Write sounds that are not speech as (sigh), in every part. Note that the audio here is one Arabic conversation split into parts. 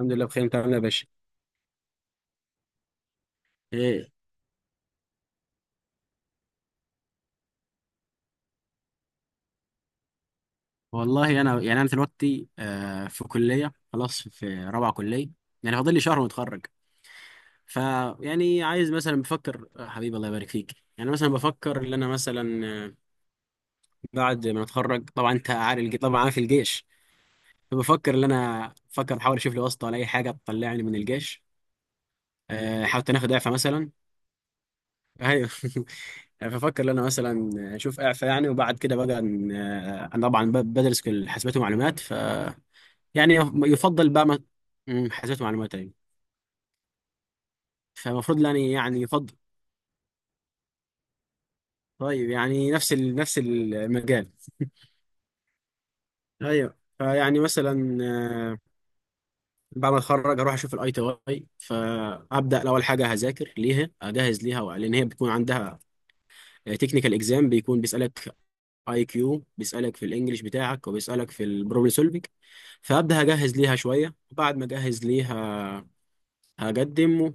الحمد لله بخير. انت عامل ايه يا باشا؟ ايه؟ والله انا يعني انا دلوقتي في كليه، خلاص، في رابعه كليه. يعني فاضل لي شهر واتخرج. فيعني عايز مثلا بفكر، حبيبي، الله يبارك فيك. يعني مثلا بفكر ان انا مثلا بعد ما اتخرج طبعا انت عارف طبعا عارف الجيش. فبفكر ان انا احاول اشوف لي واسطه ولا اي حاجه تطلعني من الجيش. حاولت ناخد اعفاء مثلا. ايوه. (laughs) ففكر ان انا مثلا اشوف اعفاء يعني. وبعد كده بقى انا طبعا بدرس كل حاسبات ومعلومات، يعني يفضل بقى ما... حاسبات معلومات، ايوه. فالمفروض يعني يفضل. طيب يعني نفس المجال. ايوه. فيعني مثلا بعد ما اتخرج هروح اشوف الاي تي اي. فابدا اول حاجه هذاكر ليها، اجهز ليها، لان هي بتكون عندها تكنيكال اكزام. بيكون بيسالك اي كيو، بيسالك في الانجليش بتاعك، وبيسالك في البروبلم سولفينج. فابدا اجهز ليها شويه، وبعد ما اجهز ليها هقدم.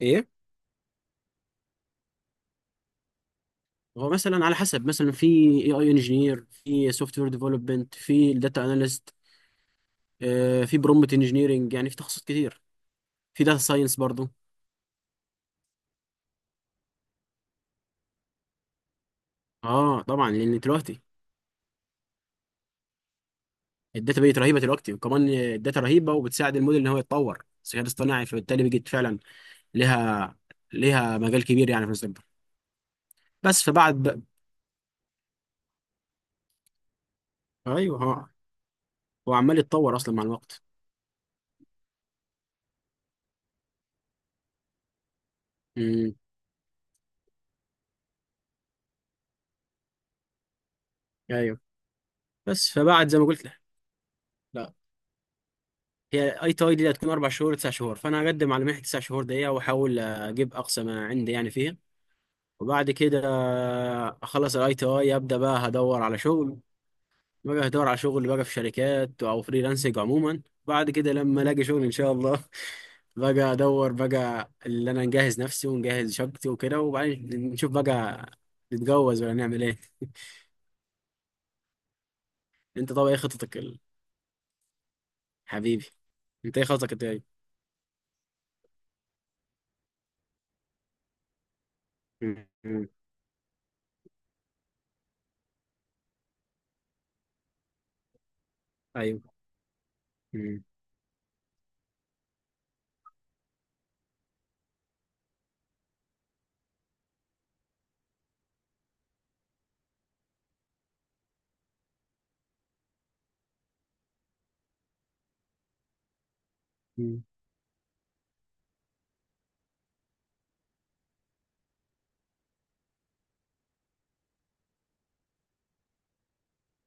ايه؟ هو مثلا على حسب، مثلا في اي اي انجينير، في سوفت وير ديفلوبمنت، في داتا اناليست، في برومبت انجينيرنج، يعني في تخصصات كتير. في داتا ساينس برضو. اه طبعا، لان دلوقتي الداتا بقت رهيبه دلوقتي، وكمان الداتا رهيبه وبتساعد الموديل ان هو يتطور الذكاء الاصطناعي. فبالتالي بيجي فعلا لها لها مجال كبير يعني في المستقبل. بس فبعد بقى، ايوه. هو عمال يتطور اصلا مع الوقت. امم. ايوه. بس فبعد زي ما قلت لك، لا، هي اي تاي دي هتكون 4 شهور 9 شهور، فانا هقدم على منحه 9 شهور دقيقه، واحاول اجيب اقصى ما عندي يعني فيها. وبعد كده اخلص الاي تي اي، ابدا بقى هدور على شغل، بقى في شركات او فريلانسنج عموما. بعد كده لما الاقي شغل ان شاء الله. (laughs) بقى ادور بقى اللي انا نجهز نفسي ونجهز شقتي وكده، وبعدين نشوف بقى نتجوز ولا نعمل ايه. انت طبعا ايه خطتك حبيبي؟ انت ايه خطتك انت ايه؟ مم. مم. ايوه. مم. مم.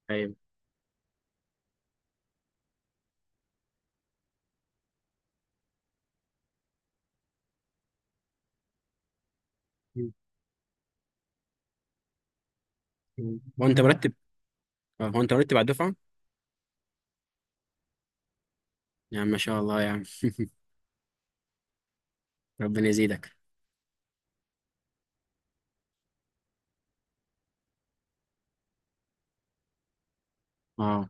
ايوه. هو انت مرتب؟ اه، هو انت مرتب على الدفعه؟ يا عم ما شاء الله يا عم. ربنا يزيدك. اه.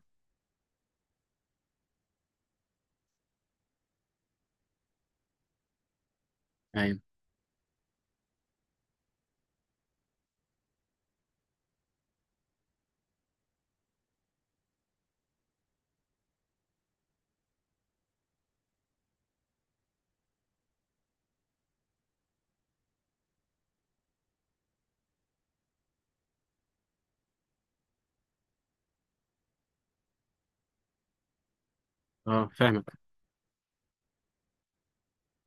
ايوه. اه، فاهمك.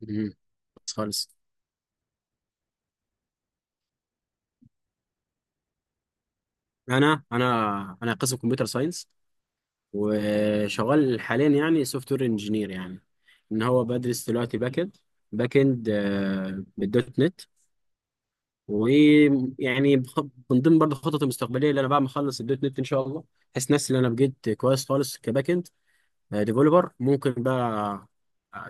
امم، خالص. انا قسم كمبيوتر ساينس، وشغال حاليا يعني سوفت وير انجينير. يعني ان هو بدرس دلوقتي باك اند. باك اند بالدوت نت. ويعني من ضمن برضه خططي المستقبليه، اللي انا بعد ما اخلص الدوت نت ان شاء الله، احس نفسي ان انا بقيت كويس خالص كباك اند ديفلوبر، ممكن بقى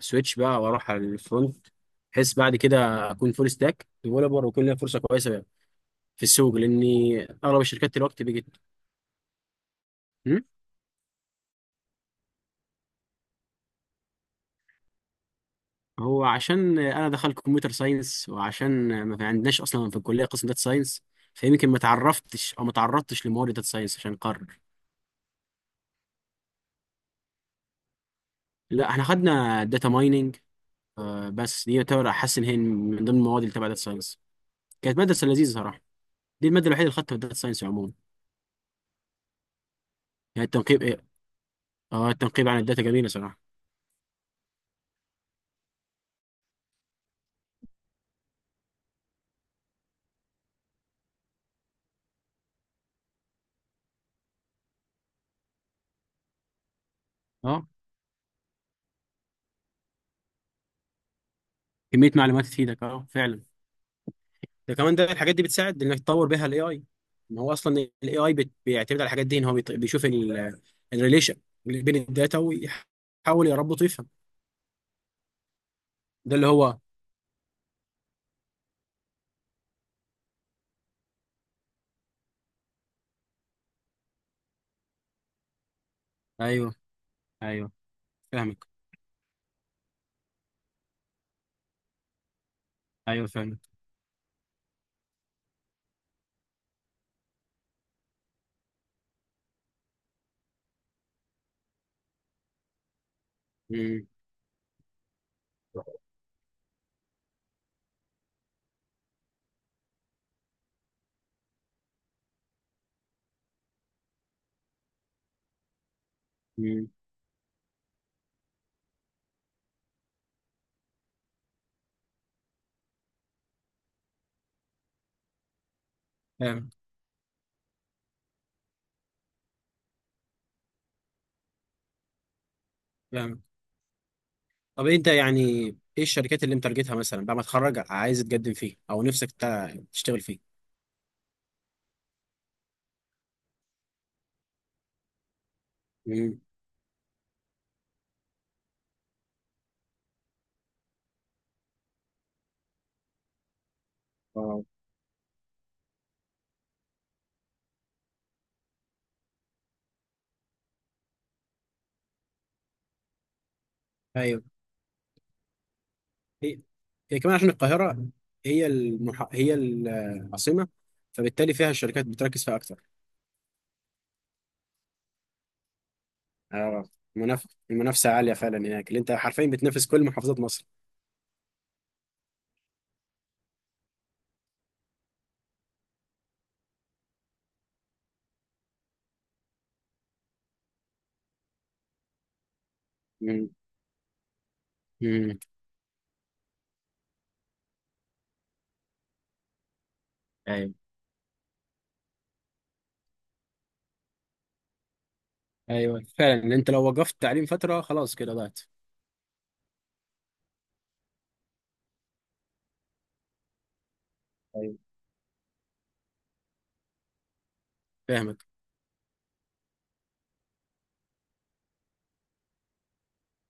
سويتش بقى واروح على الفرونت، بحيث بعد كده اكون فول ستاك ديفلوبر ويكون ليا فرصه كويسه في السوق، لاني اغلب الشركات دلوقتي بقت. هم؟ هو عشان انا دخلت كمبيوتر ساينس، وعشان ما في- عندناش اصلا في الكليه قسم داتا ساينس، فيمكن ما تعرفتش او ما تعرضتش لمواد داتا ساينس عشان اقرر. لا، احنا خدنا داتا مايننج بس، دي يعتبر احس ان هي من ضمن المواد اللي تبع داتا ساينس. كانت ماده بس لذيذه صراحه، دي الماده الوحيده اللي خدتها في الداتا ساينس عموما. يعني التنقيب، ايه، اه التنقيب عن الداتا جميله صراحه. اه، كمية معلومات تفيدك، اه فعلا. ده كمان، ده الحاجات دي بتساعد انك تطور بيها الاي اي. ما هو اصلا الاي اي بيعتمد على الحاجات دي، ان هو بيشوف الريليشن اللي بين الداتا ويحاول يربط ويفهم. ده اللي هو. ايوه. ايوه فاهمك. ايوه فعلا. امم. امم. فاهمك. فاهمك. طب انت يعني ايه الشركات اللي انت تارجتها مثلا بعد ما تتخرج، عايز تقدم فيه او نفسك تشتغل فيه؟ امم. واو. هي كمان عشان القاهرة هي العاصمة. فبالتالي فيها الشركات بتركز فيها أكتر. اه، المنافسة عالية فعلا هناك، اللي أنت حرفيا بتنافس كل محافظات مصر. مم. مم. أيوه. أيوه فعلا، اللي أنت لو وقفت تعليم فترة خلاص كده ضعت. أيوه فاهمك.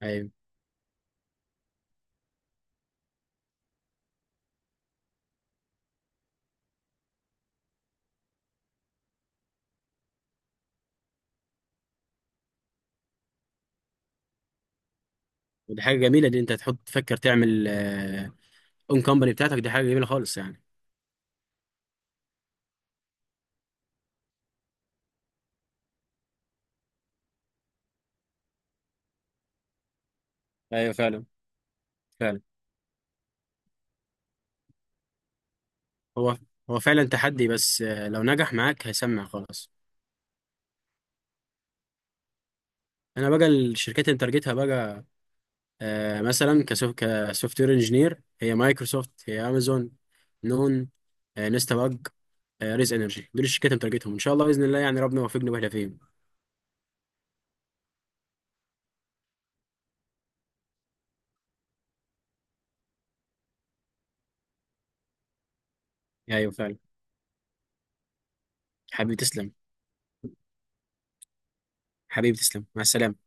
أيوه، ودي حاجة جميلة، دي أنت تحط تفكر تعمل أون كومباني بتاعتك، دي حاجة جميلة خالص يعني. أيوه فعلا. فعلا. هو فعلا تحدي، بس لو نجح معاك هيسمع خلاص. أنا بقى الشركات اللي انت تارجتها بقى، مثلا كسوفت وير انجينير: هي مايكروسوفت، هي امازون، نون، نستا باج، ريز انرجي. دول الشركات اللي متارجتهم ان شاء الله باذن الله. يعني ربنا يوفقنا واحنا فيهم. ايوه فعلا. حبيبي تسلم. حبيبي تسلم، مع السلامه.